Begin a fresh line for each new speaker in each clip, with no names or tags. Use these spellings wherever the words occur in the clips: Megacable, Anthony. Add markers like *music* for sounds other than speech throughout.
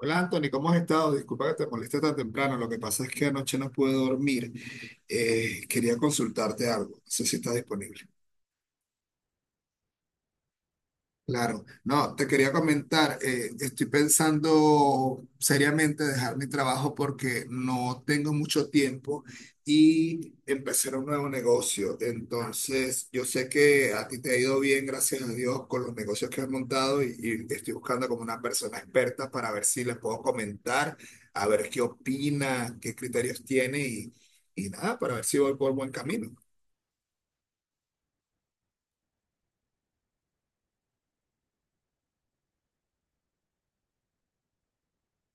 Hola Anthony, ¿cómo has estado? Disculpa que te moleste tan temprano. Lo que pasa es que anoche no pude dormir. Quería consultarte algo. No sé si estás disponible. Claro, no, te quería comentar, estoy pensando seriamente dejar mi trabajo porque no tengo mucho tiempo y empezar un nuevo negocio. Entonces, yo sé que a ti te ha ido bien, gracias a Dios, con los negocios que has montado y estoy buscando como una persona experta para ver si les puedo comentar, a ver qué opina, qué criterios tiene y nada, para ver si voy por buen camino.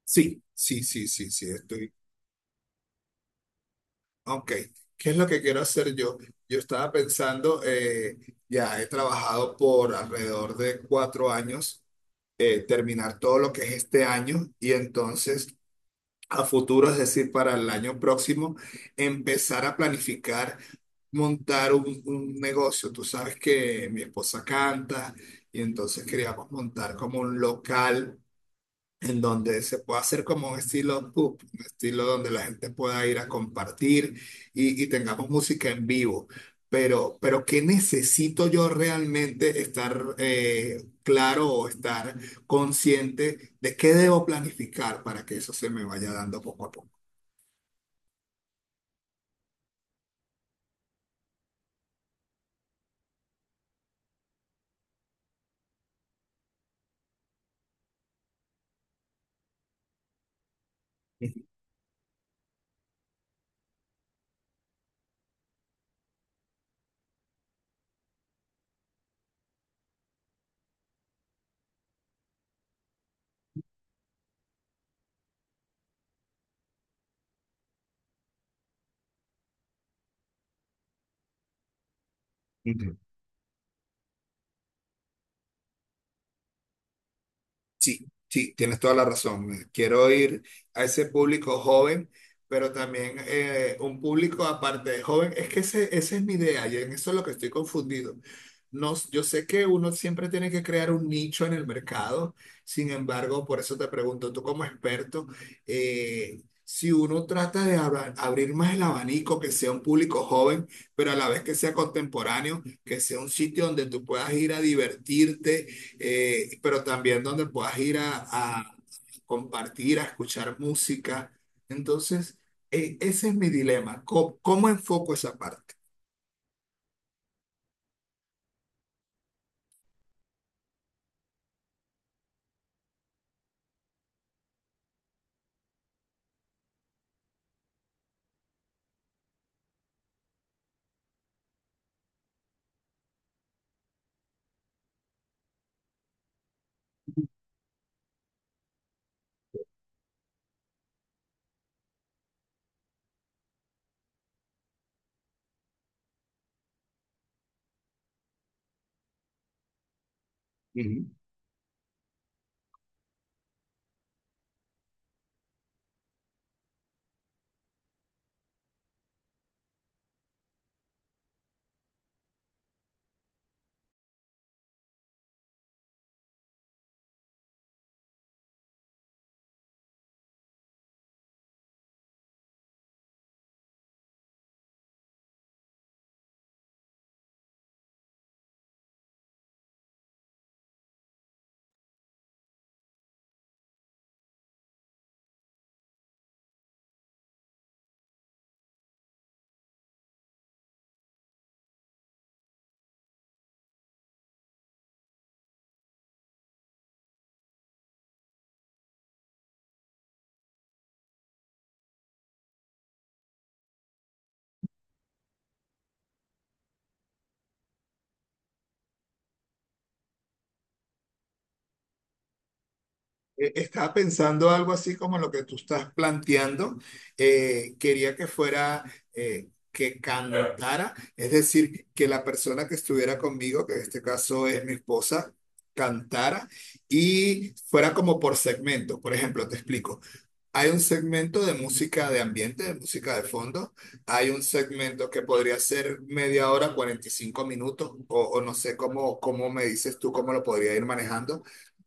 Sí, sí, sí, sí, sí, estoy. Ok, ¿qué es lo que quiero hacer yo? Yo estaba pensando, ya he trabajado por alrededor de 4 años, terminar todo lo que es este año y entonces a futuro, es decir, para el año próximo, empezar a planificar montar un negocio. Tú sabes que mi esposa canta y entonces queríamos montar como un local en donde se pueda hacer como un estilo pub, un estilo donde la gente pueda ir a compartir y tengamos música en vivo. Pero ¿qué necesito yo realmente estar claro o estar consciente de qué debo planificar para que eso se me vaya dando poco a poco? *laughs* Ujú. Sí, sí, tienes toda la razón. Quiero ir a ese público joven, pero también un público aparte de joven. Es que ese, esa es mi idea y en eso es lo que estoy confundido. No, yo sé que uno siempre tiene que crear un nicho en el mercado, sin embargo, por eso te pregunto, tú como experto, si uno trata de abrir más el abanico, que sea un público joven, pero a la vez que sea contemporáneo, que sea un sitio donde tú puedas ir a divertirte pero también donde puedas ir a, a compartir, a escuchar música. Entonces, ese es mi dilema. ¿¿Cómo enfoco esa parte? Ujú. Estaba pensando algo así como lo que tú estás planteando. Quería que fuera que cantara, es decir, que la persona que estuviera conmigo, que en este caso es mi esposa, cantara y fuera como por segmento. Por ejemplo, te explico. Hay un segmento de música de ambiente, de música de fondo. Hay un segmento que podría ser media hora, 45 minutos, o no sé cómo me dices tú, cómo lo podría ir manejando.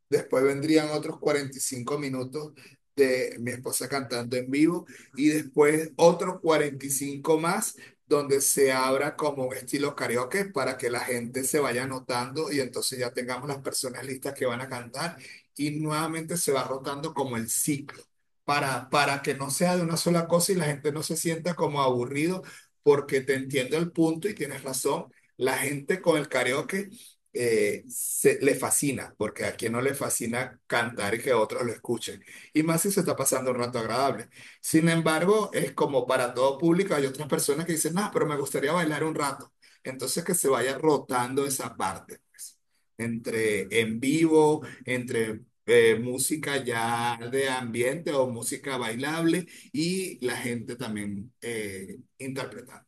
Después vendrían otros 45 minutos de mi esposa cantando en vivo y después otros 45 más donde se abra como estilo karaoke para que la gente se vaya anotando y entonces ya tengamos las personas listas que van a cantar y nuevamente se va rotando como el ciclo para que no sea de una sola cosa y la gente no se sienta como aburrido porque te entiendo el punto y tienes razón. La gente con el karaoke le fascina, porque a quien no le fascina cantar y que otros lo escuchen, y más si se está pasando un rato agradable. Sin embargo, es como para todo público, hay otras personas que dicen, no, pero me gustaría bailar un rato. Entonces que se vaya rotando esa parte, pues, entre en vivo, entre música ya de ambiente o música bailable y la gente también interpretando.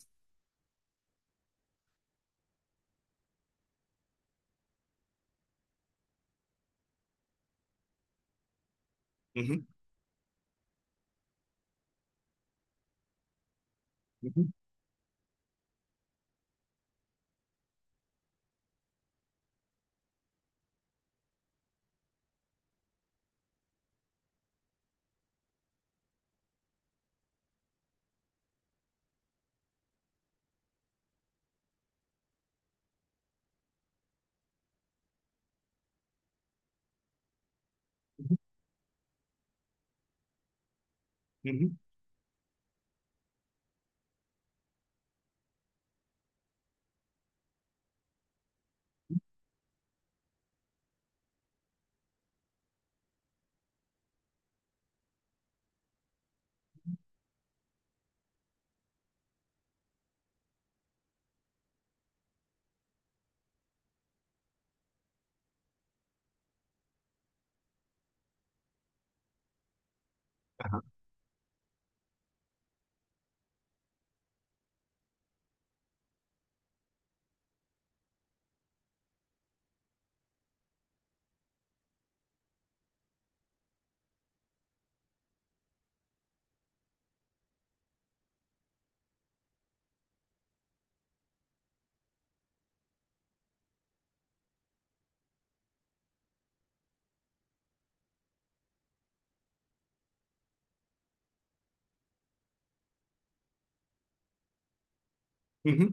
Ujú, ujú, ujú, ujú, ajá, ujú.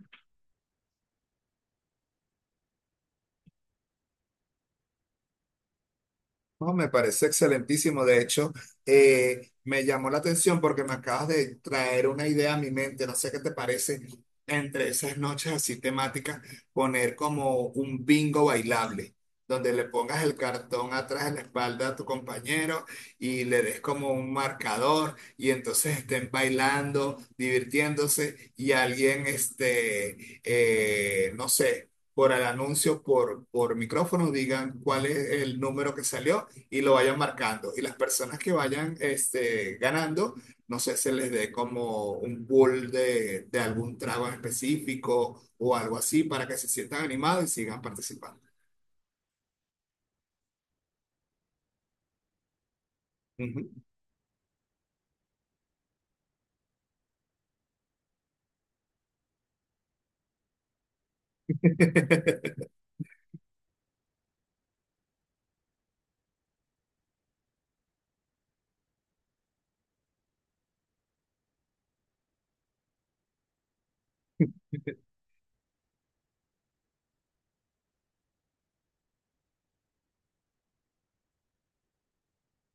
No, me parece excelentísimo. De hecho, me llamó la atención porque me acabas de traer una idea a mi mente. No sé qué te parece entre esas noches así temáticas, poner como un bingo bailable, donde le pongas el cartón atrás de la espalda a tu compañero y le des como un marcador y entonces estén bailando, divirtiéndose y alguien, este, no sé. Por el anuncio, por micrófono, digan cuál es el número que salió y lo vayan marcando. Y las personas que vayan este, ganando, no sé, se les dé como un pool de algún trago en específico o algo así para que se sientan animados y sigan participando. Ujú. *laughs*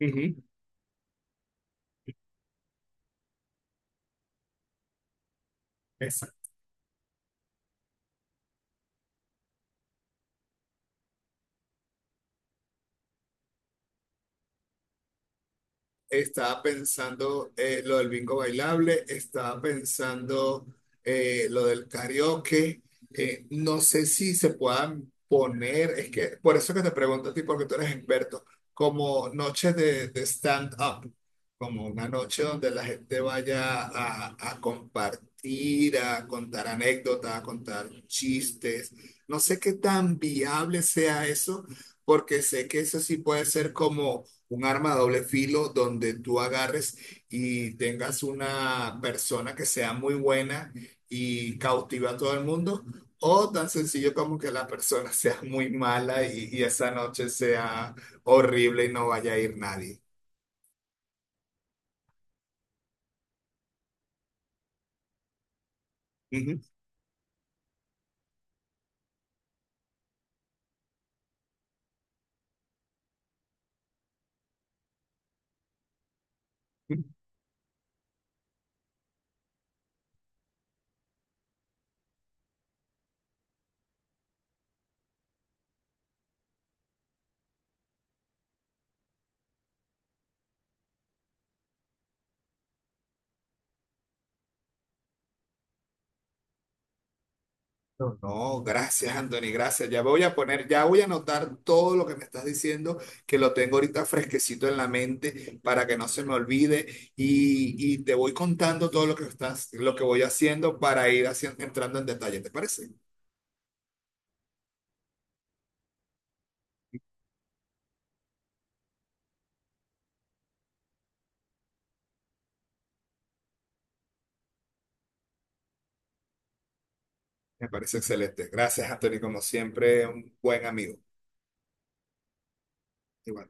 Ujú. Exacto. Estaba pensando lo del bingo bailable, estaba pensando lo del karaoke. No sé si se puedan poner, es que por eso que te pregunto a ti, porque tú eres experto, como noches de, stand-up, como una noche donde la gente vaya a, compartir, a contar anécdotas, a contar chistes. No sé qué tan viable sea eso, porque sé que eso sí puede ser como un arma de doble filo donde tú agarres y tengas una persona que sea muy buena y cautiva a todo el mundo, o tan sencillo como que la persona *laughs* sea muy mala y esa noche sea horrible y no vaya a ir nadie. Ujú. No, no, gracias, Anthony, gracias. Ya voy a poner, ya voy a anotar todo lo que me estás diciendo, que lo tengo ahorita fresquecito en la mente para que no se me olvide y te voy contando todo lo que estás, lo que voy haciendo para ir haciendo, entrando en detalle, ¿te parece? Me parece excelente. Gracias, Anthony, como siempre, un buen amigo. Igual.